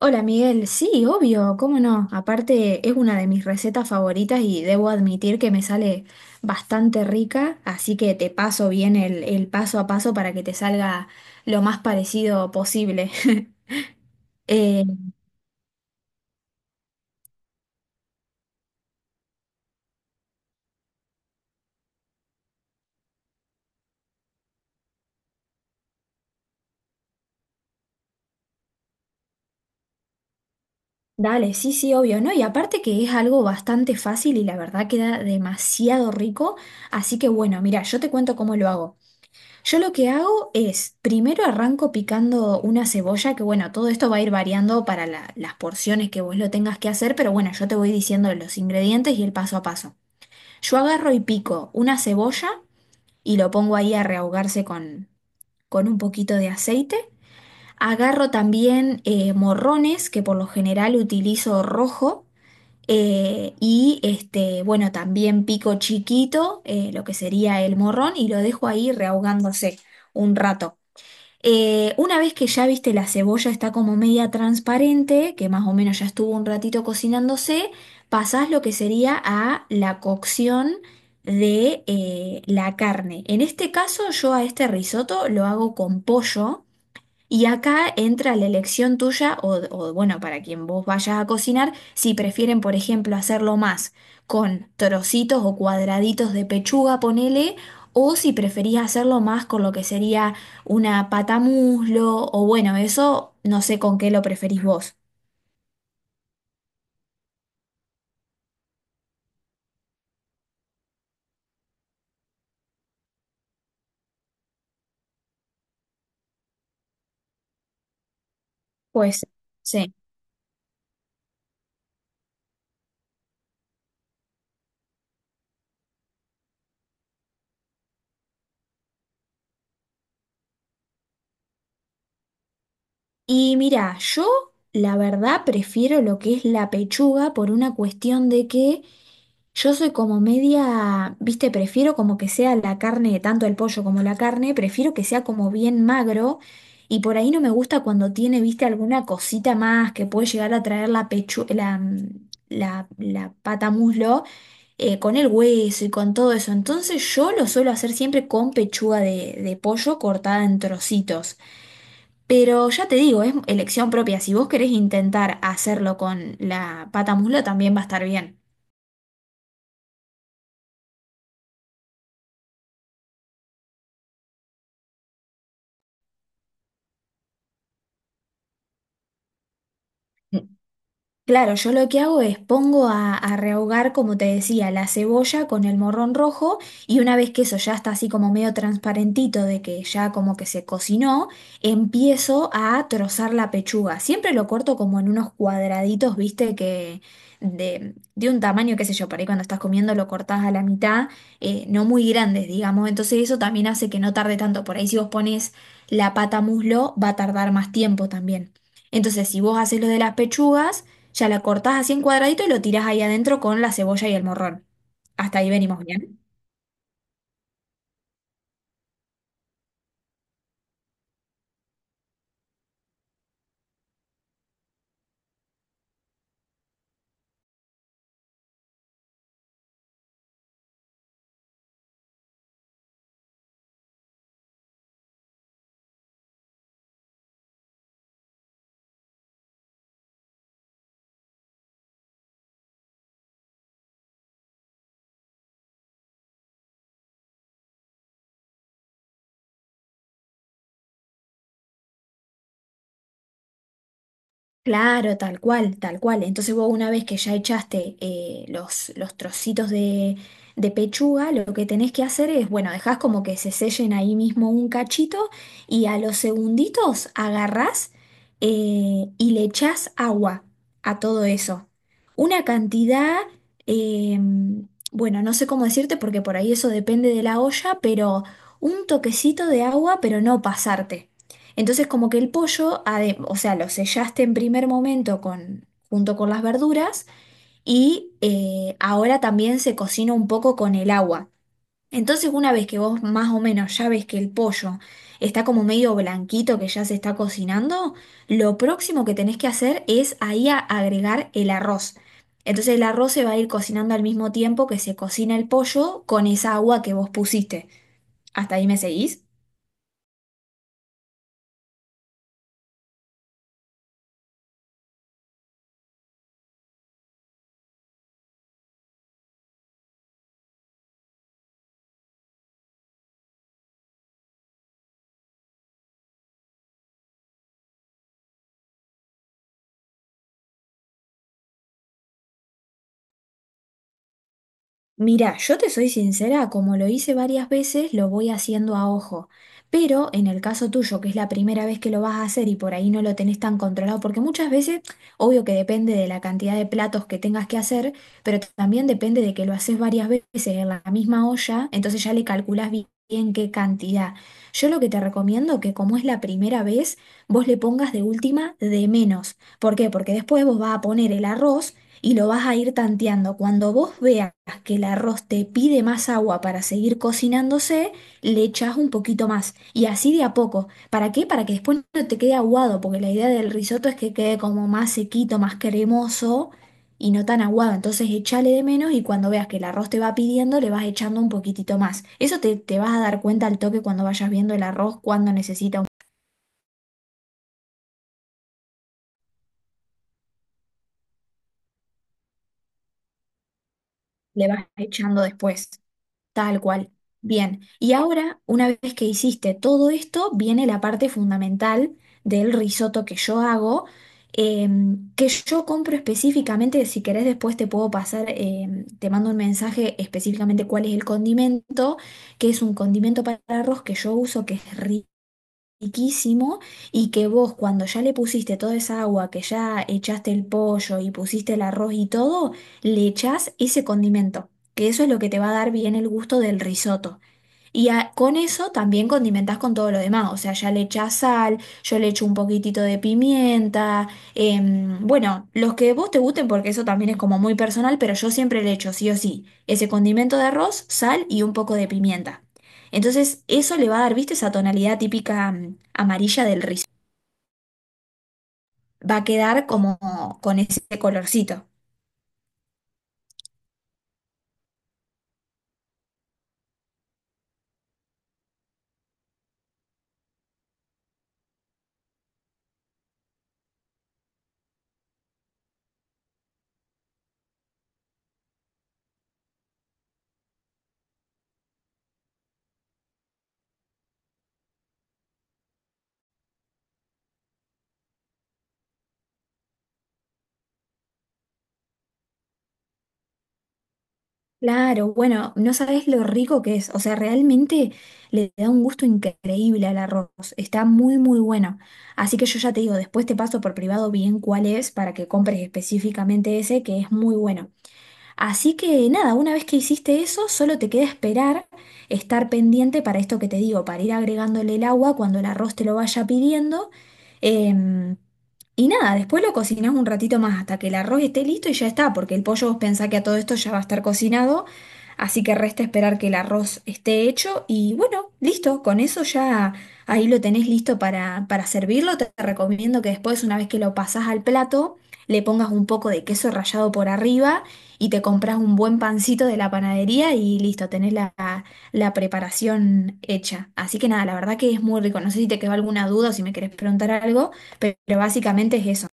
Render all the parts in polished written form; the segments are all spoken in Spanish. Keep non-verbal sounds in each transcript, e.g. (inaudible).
Hola Miguel, sí, obvio, cómo no. Aparte es una de mis recetas favoritas y debo admitir que me sale bastante rica, así que te paso bien el paso a paso para que te salga lo más parecido posible. (laughs) Eh, Dale, sí, sí, obvio, ¿no? Y aparte que es algo bastante fácil y la verdad queda demasiado rico, así que bueno, mira, yo te cuento cómo lo hago. Yo lo que hago es, primero arranco picando una cebolla, que bueno, todo esto va a ir variando para las porciones que vos lo tengas que hacer, pero bueno, yo te voy diciendo los ingredientes y el paso a paso. Yo agarro y pico una cebolla y lo pongo ahí a rehogarse con un poquito de aceite. Agarro también morrones, que por lo general utilizo rojo. Y este, bueno, también pico chiquito, lo que sería el morrón, y lo dejo ahí rehogándose un rato. Una vez que ya viste la cebolla está como media transparente, que más o menos ya estuvo un ratito cocinándose, pasás lo que sería a la cocción de la carne. En este caso yo a este risotto lo hago con pollo. Y acá entra la elección tuya bueno, para quien vos vayas a cocinar, si prefieren, por ejemplo, hacerlo más con trocitos o cuadraditos de pechuga, ponele, o si preferís hacerlo más con lo que sería una pata muslo, o bueno, eso no sé con qué lo preferís vos. Pues sí. Y mira, yo la verdad prefiero lo que es la pechuga por una cuestión de que yo soy como media, viste, prefiero como que sea la carne, tanto el pollo como la carne, prefiero que sea como bien magro y por ahí no me gusta cuando tiene, viste, alguna cosita más que puede llegar a traer la pechu, la, mm, la pata muslo con el hueso y con todo eso. Entonces yo lo suelo hacer siempre con pechuga de pollo cortada en trocitos. Pero ya te digo, es elección propia. Si vos querés intentar hacerlo con la pata muslo, también va a estar bien. Claro, yo lo que hago es pongo a rehogar, como te decía, la cebolla con el morrón rojo y una vez que eso ya está así como medio transparentito de que ya como que se cocinó, empiezo a trozar la pechuga. Siempre lo corto como en unos cuadraditos, viste, que de un tamaño, qué sé yo, por ahí cuando estás comiendo lo cortás a la mitad, no muy grandes, digamos. Entonces eso también hace que no tarde tanto. Por ahí si vos pones la pata muslo, va a tardar más tiempo también. Entonces si vos haces lo de las pechugas... Ya la cortás así en cuadradito y lo tirás ahí adentro con la cebolla y el morrón. Hasta ahí venimos bien. Claro, tal cual, tal cual. Entonces vos una vez que ya echaste los trocitos de pechuga, lo que tenés que hacer es, bueno, dejás como que se sellen ahí mismo un cachito y a los segunditos agarrás y le echás agua a todo eso. Una cantidad, eh, bueno, no sé cómo decirte porque por ahí eso depende de la olla, pero un toquecito de agua, pero no pasarte. Entonces, como que el pollo, o sea, lo sellaste en primer momento con, junto con las verduras y ahora también se cocina un poco con el agua. Entonces, una vez que vos más o menos ya ves que el pollo está como medio blanquito, que ya se está cocinando, lo próximo que tenés que hacer es ahí agregar el arroz. Entonces, el arroz se va a ir cocinando al mismo tiempo que se cocina el pollo con esa agua que vos pusiste. ¿Hasta ahí me seguís? Mira, yo te soy sincera, como lo hice varias veces, lo voy haciendo a ojo. Pero en el caso tuyo, que es la primera vez que lo vas a hacer y por ahí no lo tenés tan controlado, porque muchas veces, obvio que depende de la cantidad de platos que tengas que hacer, pero también depende de que lo haces varias veces en la misma olla, entonces ya le calculás bien qué cantidad. Yo lo que te recomiendo que como es la primera vez, vos le pongas de última de menos. ¿Por qué? Porque después vos vas a poner el arroz y lo vas a ir tanteando. Cuando vos veas que el arroz te pide más agua para seguir cocinándose, le echás un poquito más y así de a poco. ¿Para qué? Para que después no te quede aguado, porque la idea del risotto es que quede como más sequito, más cremoso y no tan aguado. Entonces échale de menos y cuando veas que el arroz te va pidiendo, le vas echando un poquitito más. Eso te vas a dar cuenta al toque cuando vayas viendo el arroz, cuando necesita un... le vas echando después. Tal cual. Bien. Y ahora, una vez que hiciste todo esto, viene la parte fundamental del risotto que yo hago, que yo compro específicamente, si querés después te puedo pasar, te mando un mensaje específicamente cuál es el condimento, que es un condimento para arroz que yo uso, que es riquísimo riquísimo y que vos cuando ya le pusiste toda esa agua, que ya echaste el pollo y pusiste el arroz y todo, le echás ese condimento, que eso es lo que te va a dar bien el gusto del risotto. Y con eso también condimentás con todo lo demás, o sea, ya le echás sal, yo le echo un poquitito de pimienta, bueno, los que vos te gusten porque eso también es como muy personal, pero yo siempre le echo sí o sí ese condimento de arroz, sal y un poco de pimienta. Entonces eso le va a dar, viste, esa tonalidad típica amarilla del rizo. Va a quedar como con ese colorcito. Claro, bueno, no sabes lo rico que es. O sea, realmente le da un gusto increíble al arroz. Está muy, muy bueno. Así que yo ya te digo, después te paso por privado bien cuál es para que compres específicamente ese, que es muy bueno. Así que nada, una vez que hiciste eso, solo te queda esperar, estar pendiente para esto que te digo, para ir agregándole el agua cuando el arroz te lo vaya pidiendo. Em, y nada, después lo cocinás un ratito más hasta que el arroz esté listo y ya está, porque el pollo vos pensá que a todo esto ya va a estar cocinado, así que resta esperar que el arroz esté hecho y bueno, listo, con eso ya ahí lo tenés listo para servirlo. Te recomiendo que después, una vez que lo pasás al plato, le pongas un poco de queso rallado por arriba y te compras un buen pancito de la panadería y listo, tenés la, la preparación hecha. Así que nada, la verdad que es muy rico. No sé si te quedó alguna duda o si me querés preguntar algo, pero básicamente es eso.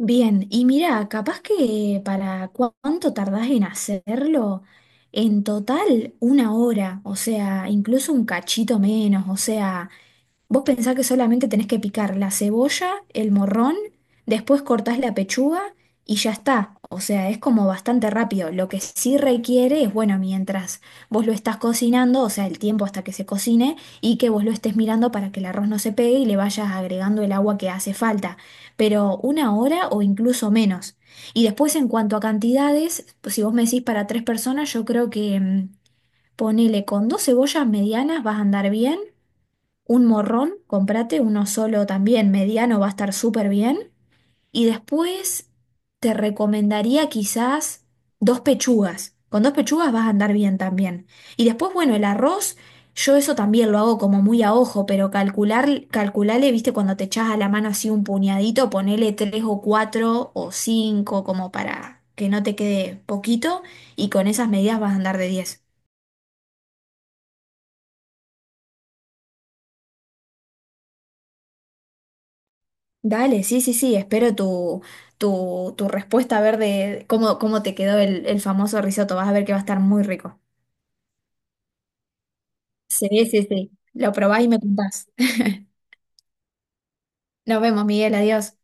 Bien, y mira, capaz que para cuánto tardás en hacerlo, en total una hora, o sea, incluso un cachito menos, o sea... Vos pensás que solamente tenés que picar la cebolla, el morrón, después cortás la pechuga y ya está. O sea, es como bastante rápido. Lo que sí requiere es, bueno, mientras vos lo estás cocinando, o sea, el tiempo hasta que se cocine y que vos lo estés mirando para que el arroz no se pegue y le vayas agregando el agua que hace falta. Pero una hora o incluso menos. Y después en cuanto a cantidades, pues si vos me decís para tres personas, yo creo que ponele con dos cebollas medianas vas a andar bien un morrón, comprate uno solo también, mediano, va a estar súper bien. Y después te recomendaría quizás dos pechugas. Con dos pechugas vas a andar bien también. Y después, bueno, el arroz, yo eso también lo hago como muy a ojo, pero calcular, calculale, viste, cuando te echas a la mano así un puñadito, ponele tres o cuatro o cinco como para que no te quede poquito y con esas medidas vas a andar de diez. Dale, sí, sí, sí, espero tu respuesta a ver de cómo te quedó el famoso risotto. Vas a ver que va a estar muy rico. Sí, sí, sí. Lo probás y me contás. (laughs) Nos vemos, Miguel, adiós.